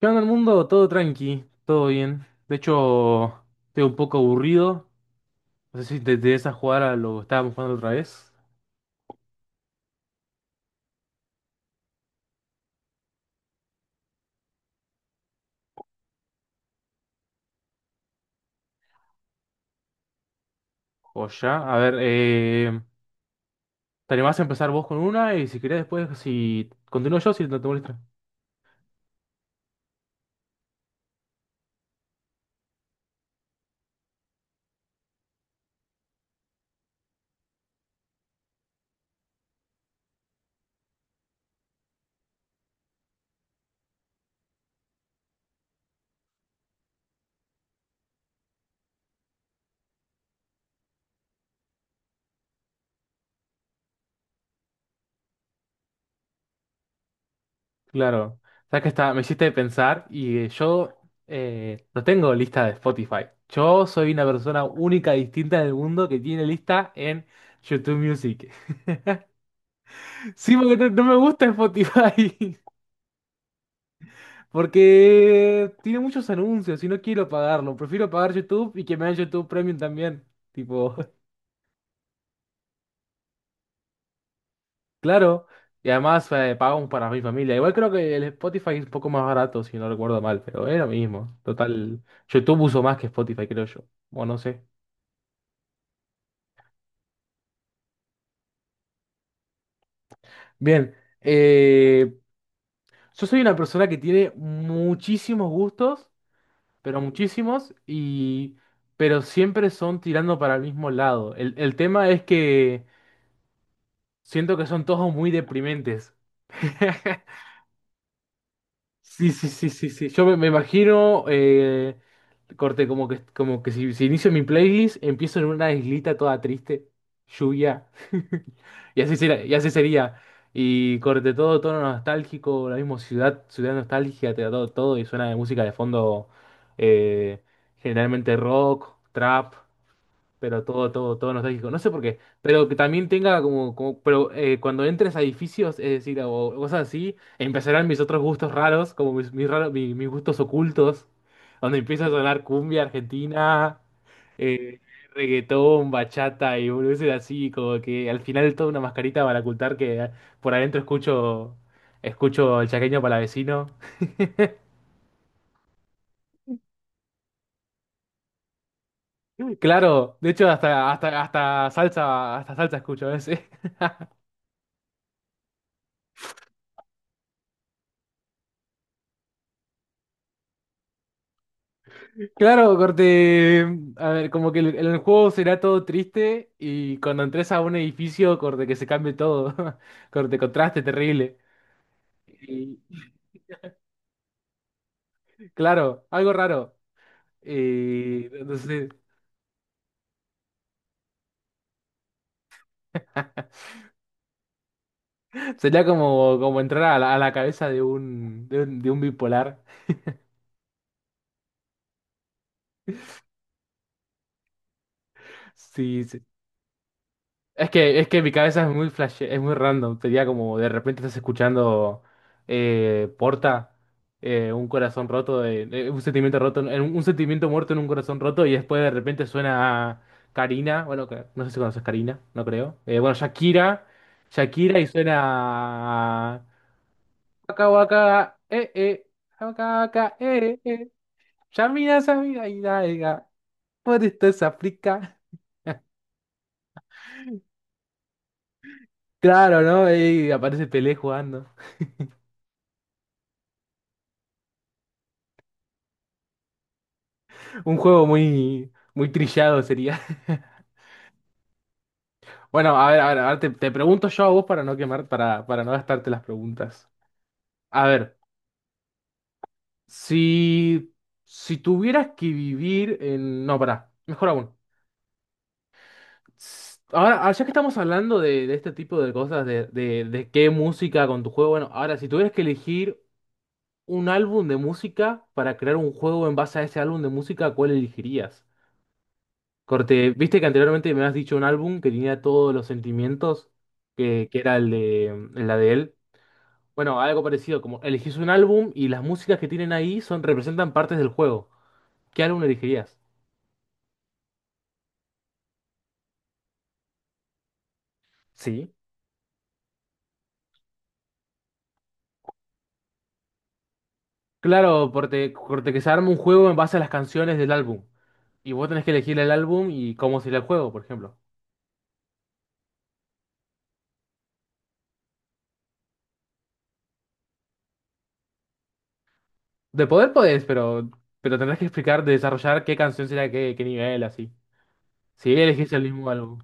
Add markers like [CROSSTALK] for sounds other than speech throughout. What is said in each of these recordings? ¿Qué onda el mundo? Todo tranqui, todo bien. De hecho, estoy un poco aburrido. No sé si te interesa jugar a lo que estábamos jugando otra vez. O ya. A ver, te animás a empezar vos con una y si querés después, si continúo yo, si no te molesta. Claro. Sabes que está, me hiciste pensar y yo, no tengo lista de Spotify. Yo soy una persona única, distinta en el mundo que tiene lista en YouTube Music. [LAUGHS] Sí, porque no me gusta Spotify. Porque tiene muchos anuncios y no quiero pagarlo. Prefiero pagar YouTube y que me den YouTube Premium también. Tipo, [LAUGHS] claro. Y además pagamos para mi familia. Igual creo que el Spotify es un poco más barato, si no recuerdo mal, pero es lo mismo. Total, YouTube uso más que Spotify, creo yo. Bueno, no sé. Bien, eh, yo soy una persona que tiene muchísimos gustos, pero muchísimos, y pero siempre son tirando para el mismo lado. El tema es que siento que son todos muy deprimentes. [LAUGHS] Sí, sí, sí, sí, sí. Me imagino, corte, como que si inicio mi playlist, empiezo en una islita toda triste, lluvia. [LAUGHS] Y así sería, y así sería. Y corte todo tono nostálgico, la misma ciudad, ciudad nostálgica, te da todo, todo, y suena de música de fondo, eh, generalmente rock, trap, pero todo, todo, todo nostálgico. No sé por qué, pero que también tenga como, como pero cuando entres a edificios, es decir, o cosas así, empezarán mis otros gustos raros, como mis gustos ocultos, donde empieza a sonar cumbia argentina, eh, reggaetón, bachata y boludeces así, como que al final toda una mascarita para ocultar que por adentro escucho el chaqueño para vecino. Claro, de hecho hasta salsa escucho a veces. Claro, corte. A ver, como que el juego será todo triste y cuando entres a un edificio, corte, que se cambie todo. [LAUGHS] Corte, contraste terrible. Y, claro, algo raro. Y, no sé, sería como, como entrar a la cabeza de un, de un, de un bipolar. Sí, sí. Es que mi cabeza es muy flash, es muy random. Sería como de repente estás escuchando Porta, un corazón roto, un sentimiento roto, en- un sentimiento muerto en un corazón roto, y después de repente suena Karina, bueno, que no sé si conoces Karina, no creo. Bueno, Shakira, Shakira y suena Waka Waka, Waka Waka, eh. Yamina, Samira, Ida, Ida, por esto es África. Claro, ¿no? Y aparece Pelé jugando. Un juego muy, muy trillado sería. [LAUGHS] Bueno, a ver, a ver, a ver, te pregunto yo a vos para no quemar, para no gastarte las preguntas. A ver, si, si tuvieras que vivir en... No, pará, mejor aún. S- ahora, ah, ya que estamos hablando de este tipo de cosas, de qué música con tu juego, bueno, ahora, si tuvieras que elegir un álbum de música para crear un juego en base a ese álbum de música, ¿cuál elegirías? Corte, viste que anteriormente me has dicho un álbum que tenía todos los sentimientos, que era el de, el la de él. Bueno, algo parecido, como elegís un álbum y las músicas que tienen ahí son, representan partes del juego. ¿Qué álbum elegirías? Sí. Claro, corte, corte que se arma un juego en base a las canciones del álbum. Y vos tenés que elegir el álbum y cómo sería el juego, por ejemplo. De poder podés, pero tendrás que explicar, desarrollar qué canción será qué, qué nivel, así. Si elegís el mismo álbum.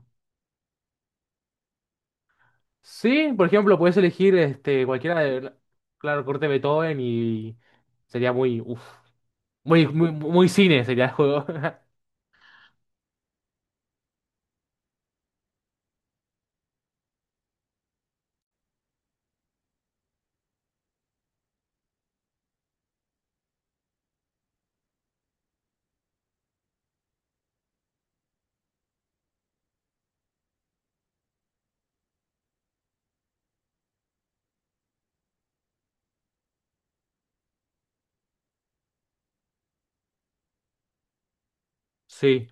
Sí, por ejemplo, puedes elegir este, cualquiera de, claro, corte Beethoven y sería muy, uf, muy, muy, muy cine sería el juego. [LAUGHS] Sí,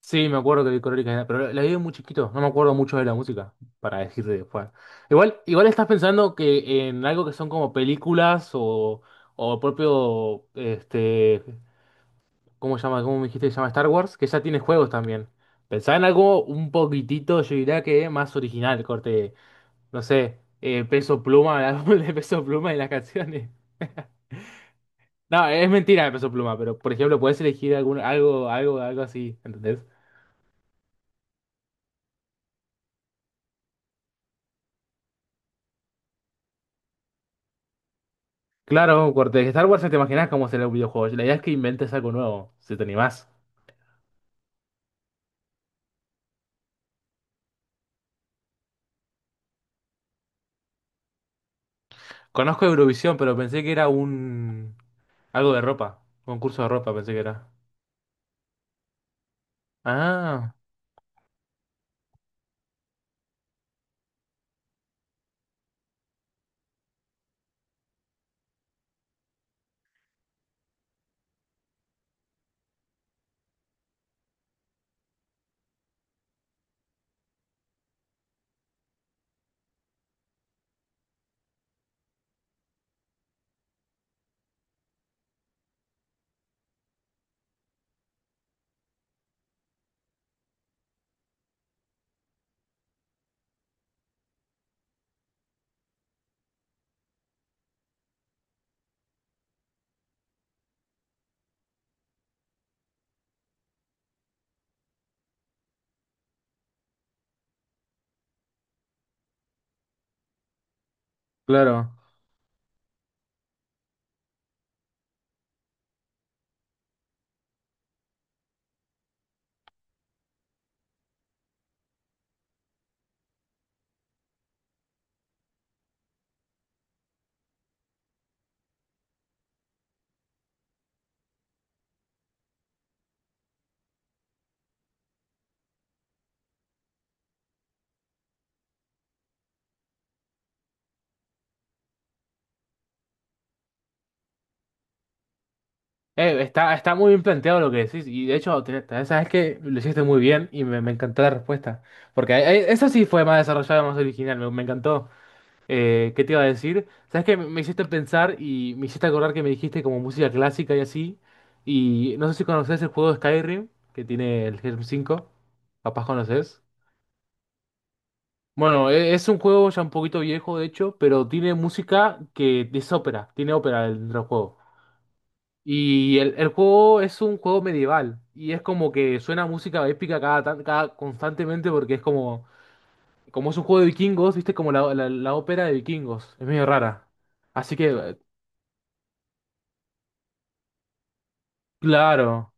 sí, me acuerdo que vi Crónicas de, pero la vi muy chiquito, no me acuerdo mucho de la música, para decirte después. Igual, igual estás pensando que en algo que son como películas o propio, este, ¿cómo se llama? ¿Cómo me dijiste que se llama Star Wars? Que ya tiene juegos también. Pensá en algo un poquitito, yo diría que más original, corte. No sé, Peso Pluma, el álbum [LAUGHS] de Peso Pluma y las canciones. No, es mentira de Peso Pluma, pero por ejemplo, puedes elegir algún, algo así, ¿entendés? Claro, un corte, de Star Wars ya te imaginas cómo será un videojuego. La idea es que inventes algo nuevo, si te animás. Conozco Eurovisión, pero pensé que era un algo de ropa, concurso de ropa pensé que era. Ah, claro. Está, está muy bien planteado lo que decís. Y de hecho, te- te- sabes que lo hiciste muy bien y me encantó la respuesta. Porque eso sí fue más desarrollado, más original. Me encantó. ¿Qué te iba a decir? Sabes que me hiciste pensar y me hiciste acordar que me dijiste como música clásica y así. Y no sé si conoces el juego de Skyrim que tiene el Helm 5. Capaz conoces. Bueno, e- es un juego ya un poquito viejo, de hecho, pero tiene música que es ópera. Tiene ópera dentro del juego. Y el juego es un juego medieval. Y es como que suena música épica cada, tan- cada constantemente porque es como. Como es un juego de vikingos, viste como la ópera de vikingos. Es medio rara. Así que claro.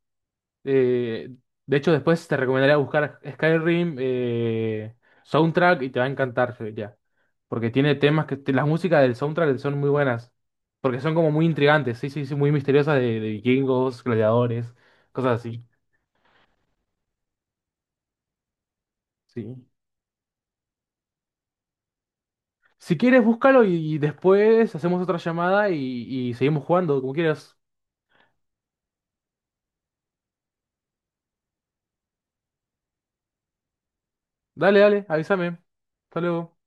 eh, de hecho, después te recomendaría buscar Skyrim, soundtrack y te va a encantar, ya. Porque tiene temas que las músicas del soundtrack son muy buenas. Porque son como muy intrigantes, sí, sí, sí, muy misteriosas de vikingos, gladiadores, cosas así. Sí. Si quieres, búscalo y después hacemos otra llamada y seguimos jugando, como quieras. Dale, dale, avísame. Hasta luego.